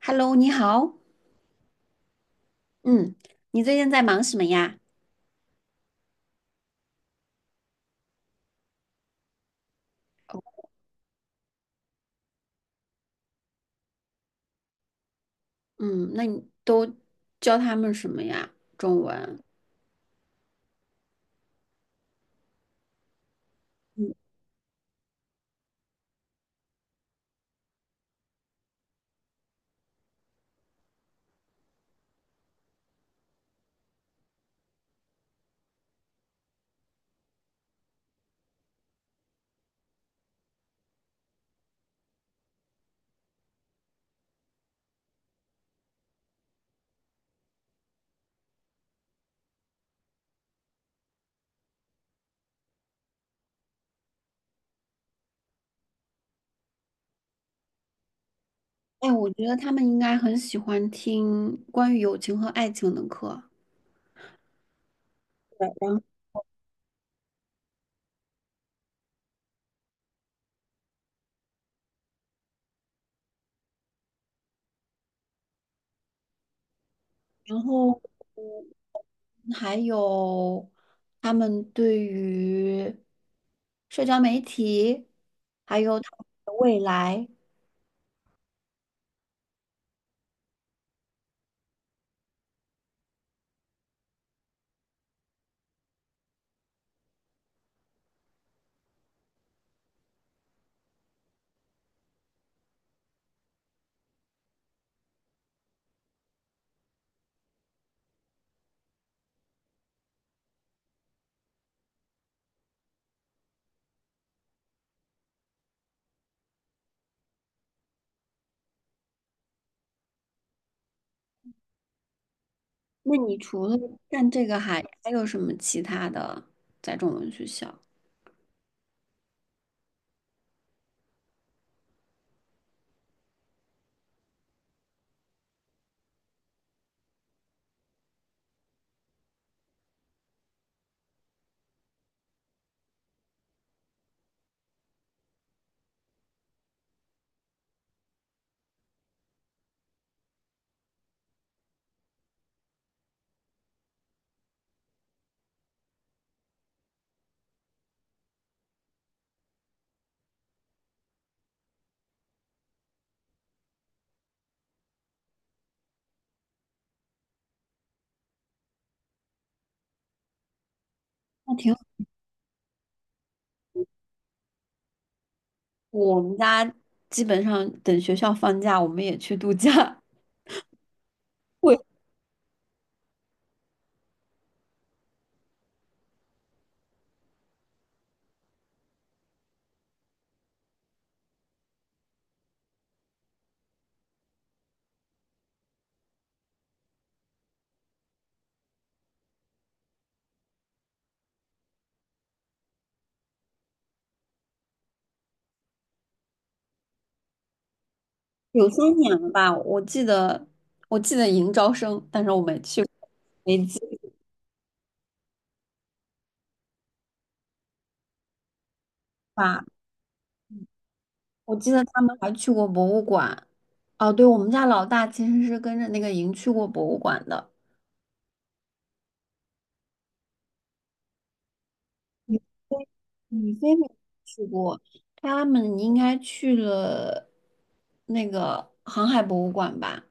Hello，你好。嗯，你最近在忙什么呀？嗯，那你都教他们什么呀？中文。嗯，哎，我觉得他们应该很喜欢听关于友情和爱情的课，然然后嗯还有他们对于社交媒体，还有他们的未来。那你除了干这个还有什么其他的在中文学校？那挺。我们家基本上等学校放假，我们也去度假。会有3年了吧？我记得迎招生，但是我没去，没计划。我记得他们还去过博物馆。哦，对，我们家老大其实是跟着那个营去过博物馆的。你飞，你飞没去过，他们应该去了那个航海博物馆吧？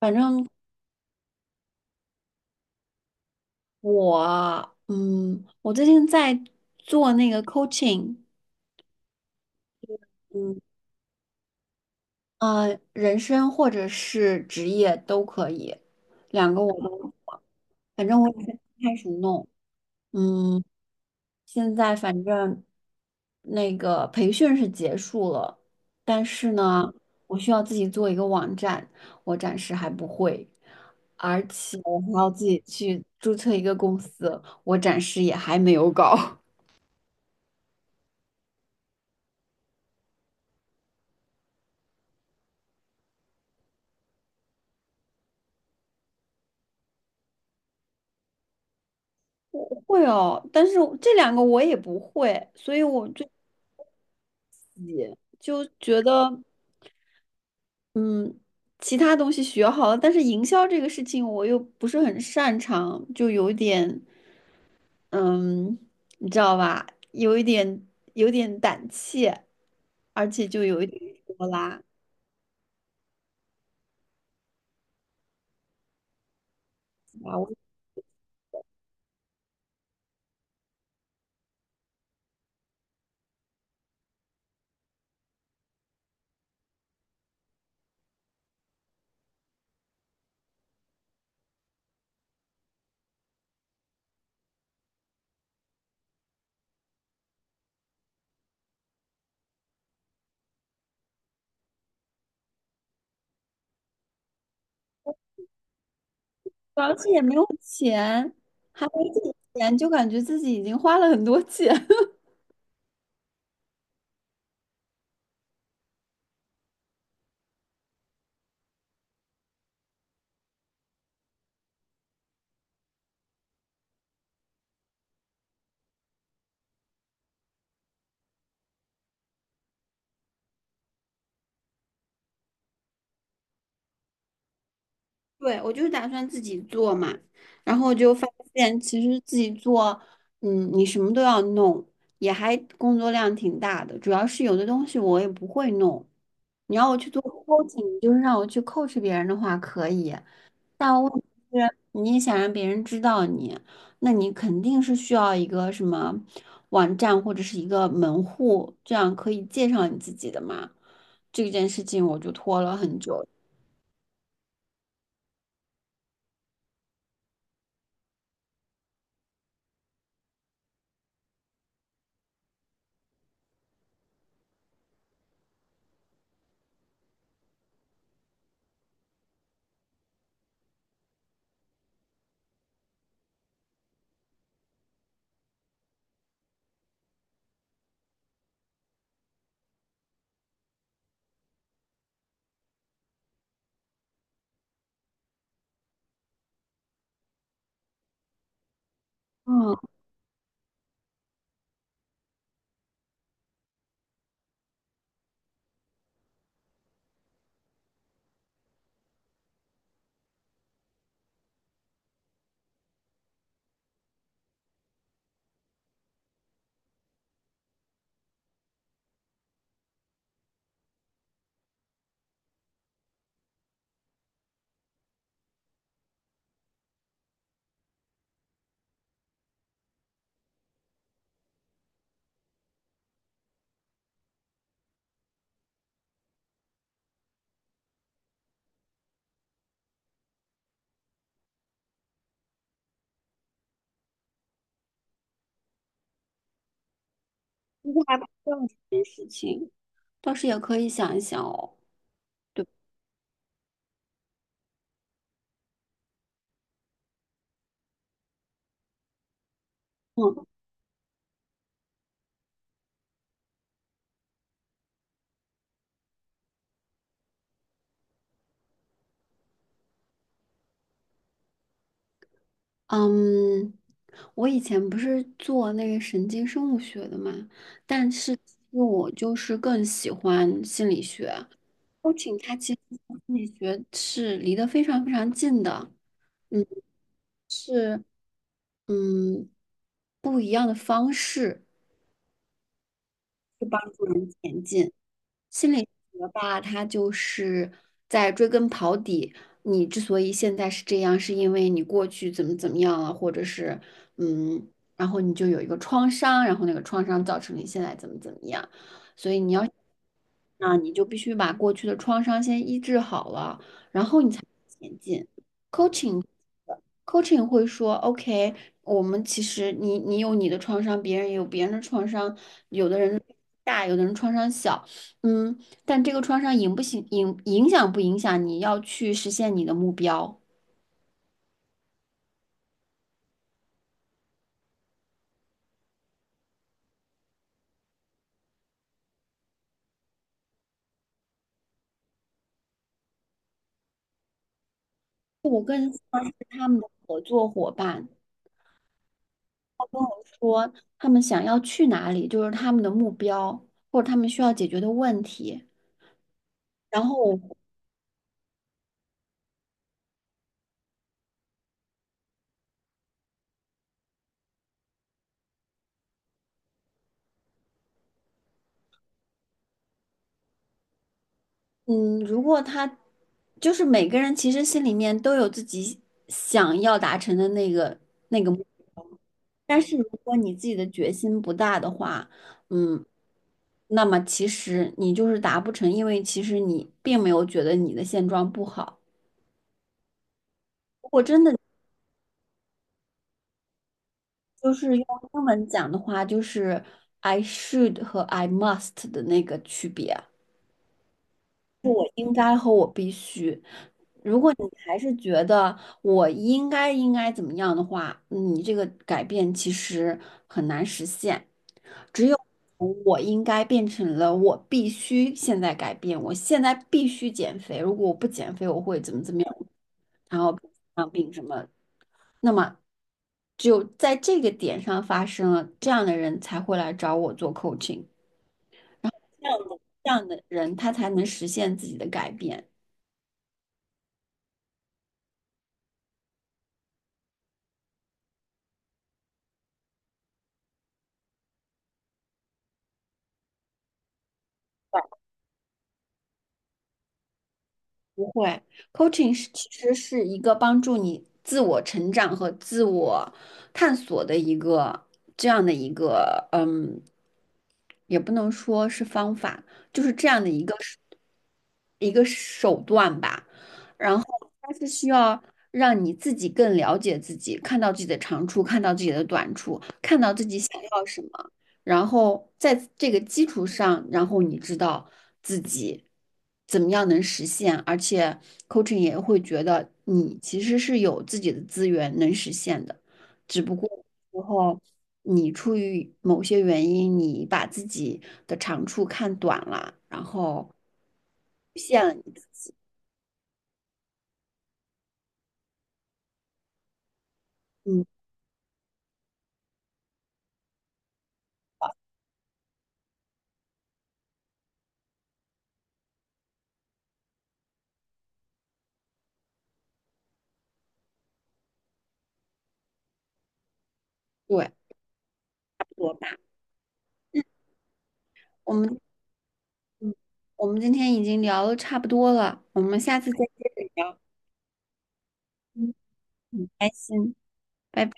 反正我最近在做那个 coaching。嗯，啊，人生或者是职业都可以，两个我都，反正我也是开始弄。嗯，现在反正那个培训是结束了，但是呢，我需要自己做一个网站，我暂时还不会，而且我还要自己去注册一个公司，我暂时也还没有搞。我会哦，但是我这两个我也不会，所以我就觉得。其他东西学好了，但是营销这个事情我又不是很擅长，就有点，嗯，你知道吧？有一点，有点胆怯，而且就有一点拖拉，而且也没有还没几钱，就感觉自己已经花了很多钱，对，我就是打算自己做嘛，然后就发现其实自己做，你什么都要弄，也还工作量挺大的。主要是有的东西我也不会弄，你要我去做 coaching，就是让我去 coach 别人的话可以，但问题是你也想让别人知道你，那你肯定是需要一个什么网站或者是一个门户，这样可以介绍你自己的嘛。这件事情我就拖了很久。嗯。其实还不重视这件事情，倒是也可以想一想哦。对吧，嗯嗯，我以前不是做那个神经生物学的嘛，但是其实我就是更喜欢心理学。c o a 它其实和心理学是离得非常非常近的，嗯，是嗯不一样的方式去帮助人前进。心理学吧，它就是在追根刨底，你之所以现在是这样，是因为你过去怎么怎么样了，或者是嗯，然后你就有一个创伤，然后那个创伤造成你现在怎么怎么样，那你就必须把过去的创伤先医治好了，然后你才能前进。coaching coaching 会说，OK，我们其实你有你的创伤，别人也有别人的创伤，有的人大，有的人创伤小，嗯，但这个创伤影响不影响你要去实现你的目标？我更像是他们的合作伙伴，说他们想要去哪里，就是他们的目标或者他们需要解决的问题，然后我。嗯，如果他就是每个人其实心里面都有自己想要达成的那个目标，但是如果你自己的决心不大的话，嗯，那么其实你就是达不成，因为其实你并没有觉得你的现状不好。如果真的就是用英文讲的话，就是 I should 和 I must 的那个区别。我应该和我必须。如果你还是觉得我应该怎么样的话，你这个改变其实很难实现。只有从我应该变成了我必须现在改变，我现在必须减肥。如果我不减肥，我会怎么怎么样，然后生病什么。那么，只有在这个点上发生了，这样的人才会来找我做 coaching，这样的这样的人他才能实现自己的改变。不会，coaching 其实是一个帮助你自我成长和自我探索的一个这样的一个，也不能说是方法，就是这样的一个手段吧。然后它是需要让你自己更了解自己，看到自己的长处，看到自己的短处，看到自己想要什么。然后在这个基础上，然后你知道自己怎么样能实现，而且 coaching 也会觉得你其实是有自己的资源能实现的，只不过有时候你出于某些原因，你把自己的长处看短了，然后骗了你自己，嗯，对，多吧。嗯，我们嗯，我们今天已经聊的差不多了，我们下次再接着聊。嗯，很开心，拜拜。